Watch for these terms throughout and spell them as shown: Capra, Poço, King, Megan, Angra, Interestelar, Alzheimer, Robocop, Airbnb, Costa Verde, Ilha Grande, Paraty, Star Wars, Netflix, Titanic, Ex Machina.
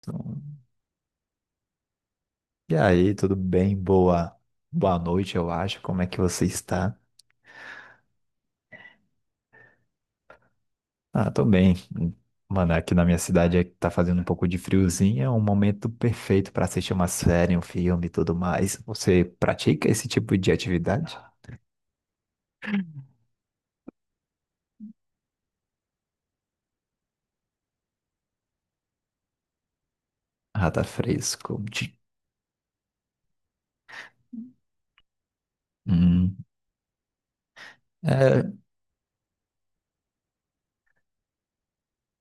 Então, e aí, tudo bem? Boa noite, eu acho. Como é que você está? Ah, tô bem. Mano, aqui na minha cidade é que tá fazendo um pouco de friozinho, é um momento perfeito para assistir uma série, um filme e tudo mais. Você pratica esse tipo de atividade? Ah, tá fresco. Tch. Hum, é...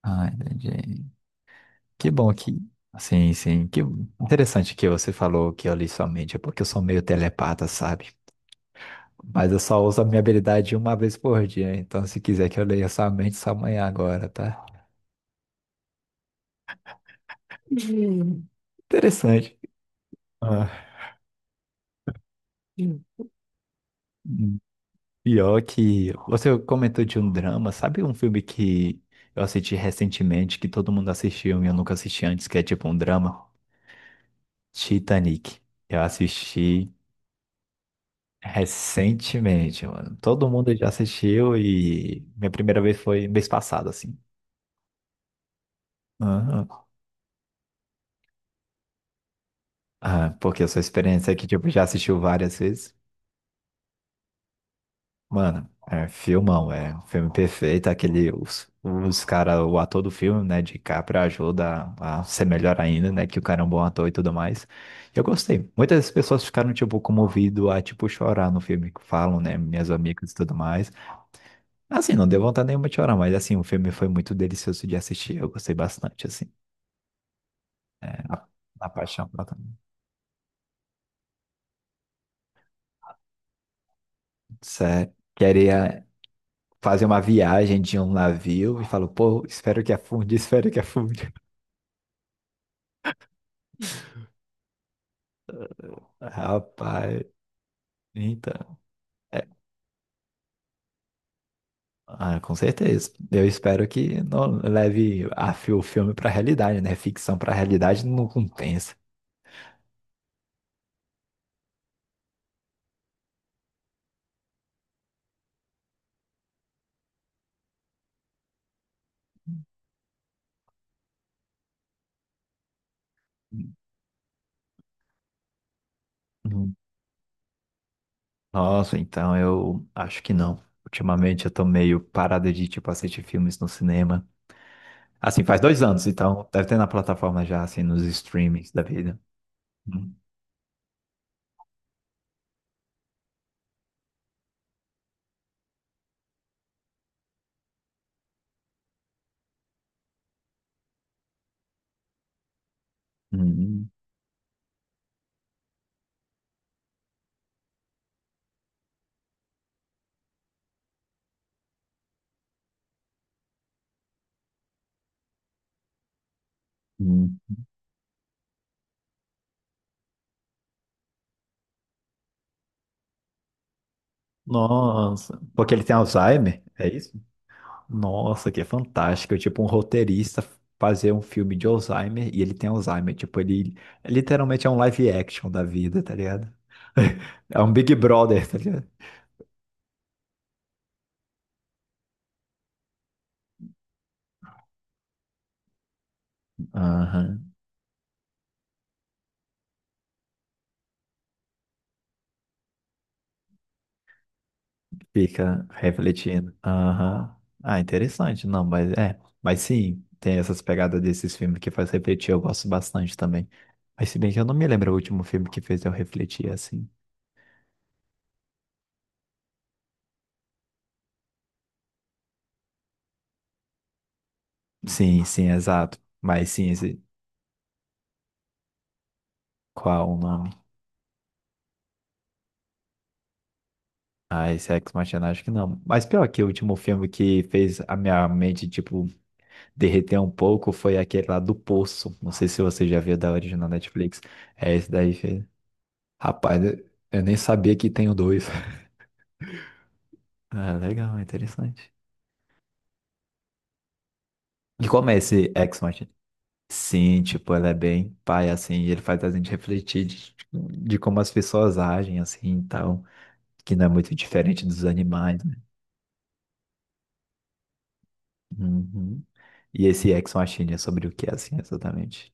Ah, entendi. Que bom que... Sim, sim. Que interessante que você falou que eu li sua mente, é porque eu sou meio telepata, sabe? Mas eu só uso a minha habilidade uma vez por dia, então se quiser que eu leia sua mente, só amanhã agora, tá? Hum. Interessante. Ah, Hum. hum, Pior que você comentou de um drama, sabe um filme que eu assisti recentemente, que todo mundo assistiu e eu nunca assisti antes, que é tipo um drama? Titanic. Eu assisti recentemente, mano. Todo mundo já assistiu e minha primeira vez foi mês passado, assim. Aham. Ah, porque a sua experiência é que, tipo, já assistiu várias vezes. Mano, é filmão, é um filme perfeito. Aquele, os cara, o ator do filme, né, de Capra ajuda a ser melhor ainda, né, que o cara é um bom ator e tudo mais. Eu gostei. Muitas pessoas ficaram, tipo, comovido a, tipo, chorar no filme, que falam, né, minhas amigas e tudo mais. Assim, não deu vontade nenhuma de chorar, mas, assim, o filme foi muito delicioso de assistir. Eu gostei bastante, assim, a, a paixão, pra também. Sério. Queria fazer uma viagem de um navio e falo, pô, espero que afunde, espero que afunde. Rapaz. Então, é- ah, com certeza. Eu espero que não leve a, o filme para a realidade, né? Ficção para a realidade não compensa. Hum. Nossa, então eu acho que não. Ultimamente eu tô meio parado de, tipo, assistir filmes no cinema. Assim, faz dois anos, então deve ter na plataforma já, assim, nos streamings da vida. Hum, hum, hum. hum. Nossa, porque ele tem Alzheimer, é isso? Nossa, que é fantástico. É. Tipo, um roteirista fazer um filme de Alzheimer e ele tem Alzheimer. Tipo, ele literalmente é um live action da vida, tá ligado? É um Big Brother, tá ligado? Aham. Fica refletindo. Aham. Ah, interessante. Não, mas é. Mas sim, tem essas pegadas desses filmes que faz refletir. Eu gosto bastante também. Mas se bem que eu não me lembro o último filme que fez eu refletir assim. Sim, sim, exato. Mas sim, esse... Qual o nome? Ah, esse Ex Machina acho que não. Mas pior que o último filme que fez a minha mente, tipo, derreter um pouco foi aquele lá do Poço. Não sei se você já viu da original Netflix. É esse daí. Fez. Rapaz, eu nem sabia que tem o dois. Ah, legal, interessante. E como é esse Ex Machina? Sim, tipo, ela é bem pai, assim, e ele faz a gente refletir de como as pessoas agem, assim, e tal. Que não é muito diferente dos animais, né? Uhum. E esse Ex Machina é sobre o que, assim, exatamente?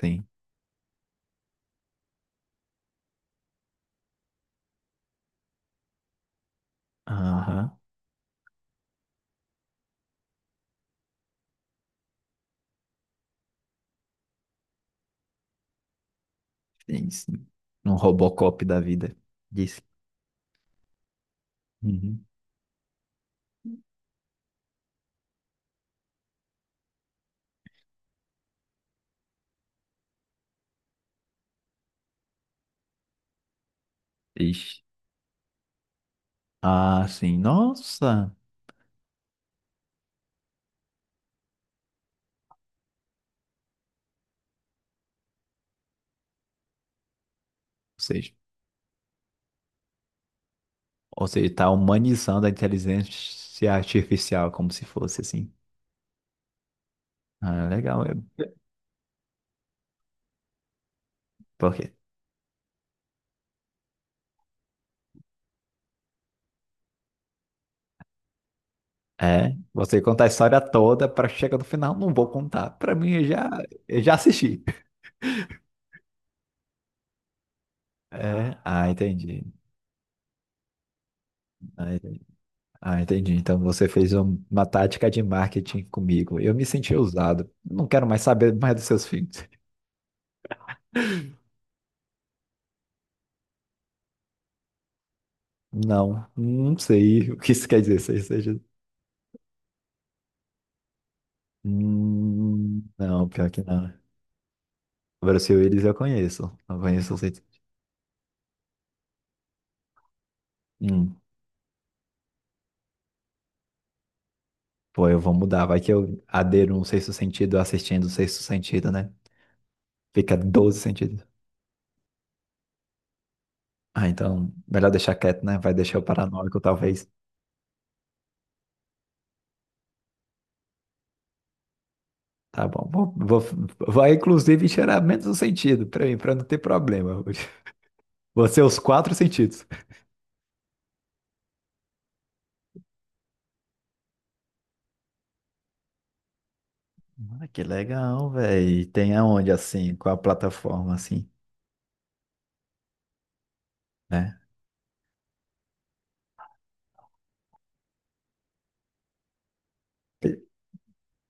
Sim. Aham, sim, sim. Um Robocop da vida. Disse. Uhum. Ixi. Ah, sim. Nossa. Ou seja, ou seja, tá humanizando a inteligência artificial como se fosse assim. Ah, legal. É... Por quê? É, você conta a história toda para chegar no final, não vou contar. Para mim, eu já assisti. É, ah, entendi. Ah, entendi. Ah, entendi. Então você fez uma tática de marketing comigo. Eu me senti usado. Não quero mais saber mais dos seus filhos. Não, não sei o que isso quer dizer. Seja, seja... não, pior que não. Brasil, eles eu conheço. Eu conheço o sentido. Hum, pô, eu vou mudar. Vai que eu adero um sexto sentido assistindo o sexto sentido, né? Fica 12 sentidos. Ah, então, melhor deixar quieto, né? Vai deixar o paranoico, talvez. Tá bom. Vai, inclusive, cheirar menos um sentido pra mim, pra não ter problema. Vou ser os quatro sentidos. Ah, que legal, velho. Tem aonde, assim, com a plataforma, assim, né?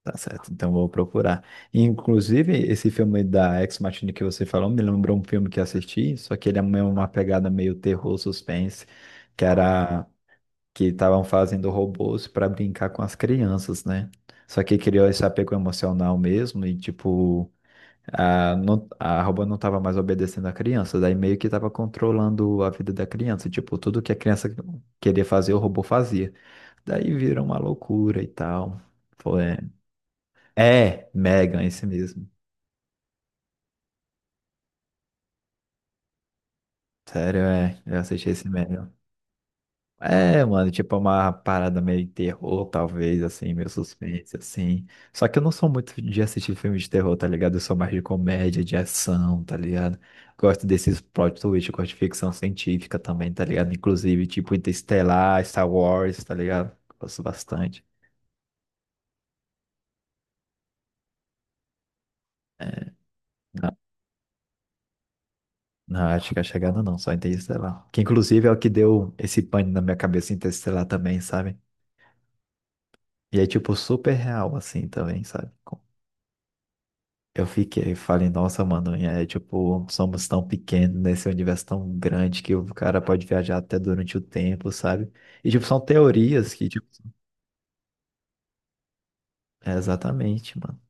Tá certo, então vou procurar. Inclusive, esse filme da Ex Machina que você falou me lembrou um filme que assisti, só que ele é meio uma pegada meio terror, suspense, que era que estavam fazendo robôs para brincar com as crianças, né? Só que criou esse apego emocional mesmo e tipo, a robô não estava mais obedecendo a criança, daí meio que estava controlando a vida da criança, tipo, tudo que a criança queria fazer, o robô fazia. Daí vira uma loucura e tal. Foi. É, Megan, esse mesmo. Sério, é. Eu assisti esse Megan. É, mano, tipo uma parada meio terror, talvez, assim, meio suspense, assim. Só que eu não sou muito de assistir filme de terror, tá ligado? Eu sou mais de comédia, de ação, tá ligado? Gosto desses plot twist, gosto de ficção científica também, tá ligado? Inclusive, tipo Interestelar, Star Wars, tá ligado? Gosto bastante. É, não, não, acho que a chegada não, só Interestelar. Que inclusive é o que deu esse pane na minha cabeça Interestelar também, sabe? E é, tipo, super real, assim, também, sabe? Com- Eu fiquei, falei, nossa, mano, e é, tipo, somos tão pequenos nesse universo tão grande que o cara pode viajar até durante o tempo, sabe? E, tipo, são teorias que, tipo, é exatamente, mano.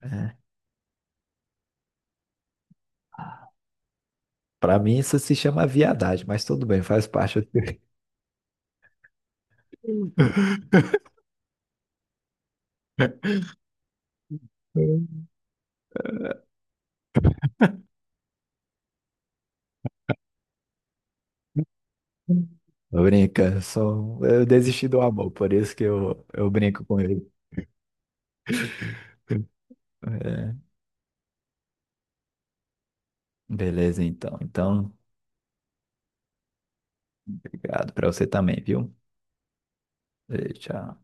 É. Pra mim, isso se chama viadagem, mas tudo bem, faz parte. Eu eu brinco, sou... eu desisti do amor, por isso que eu brinco com ele. É. Beleza, então. Então, obrigado pra você também, viu? E tchau.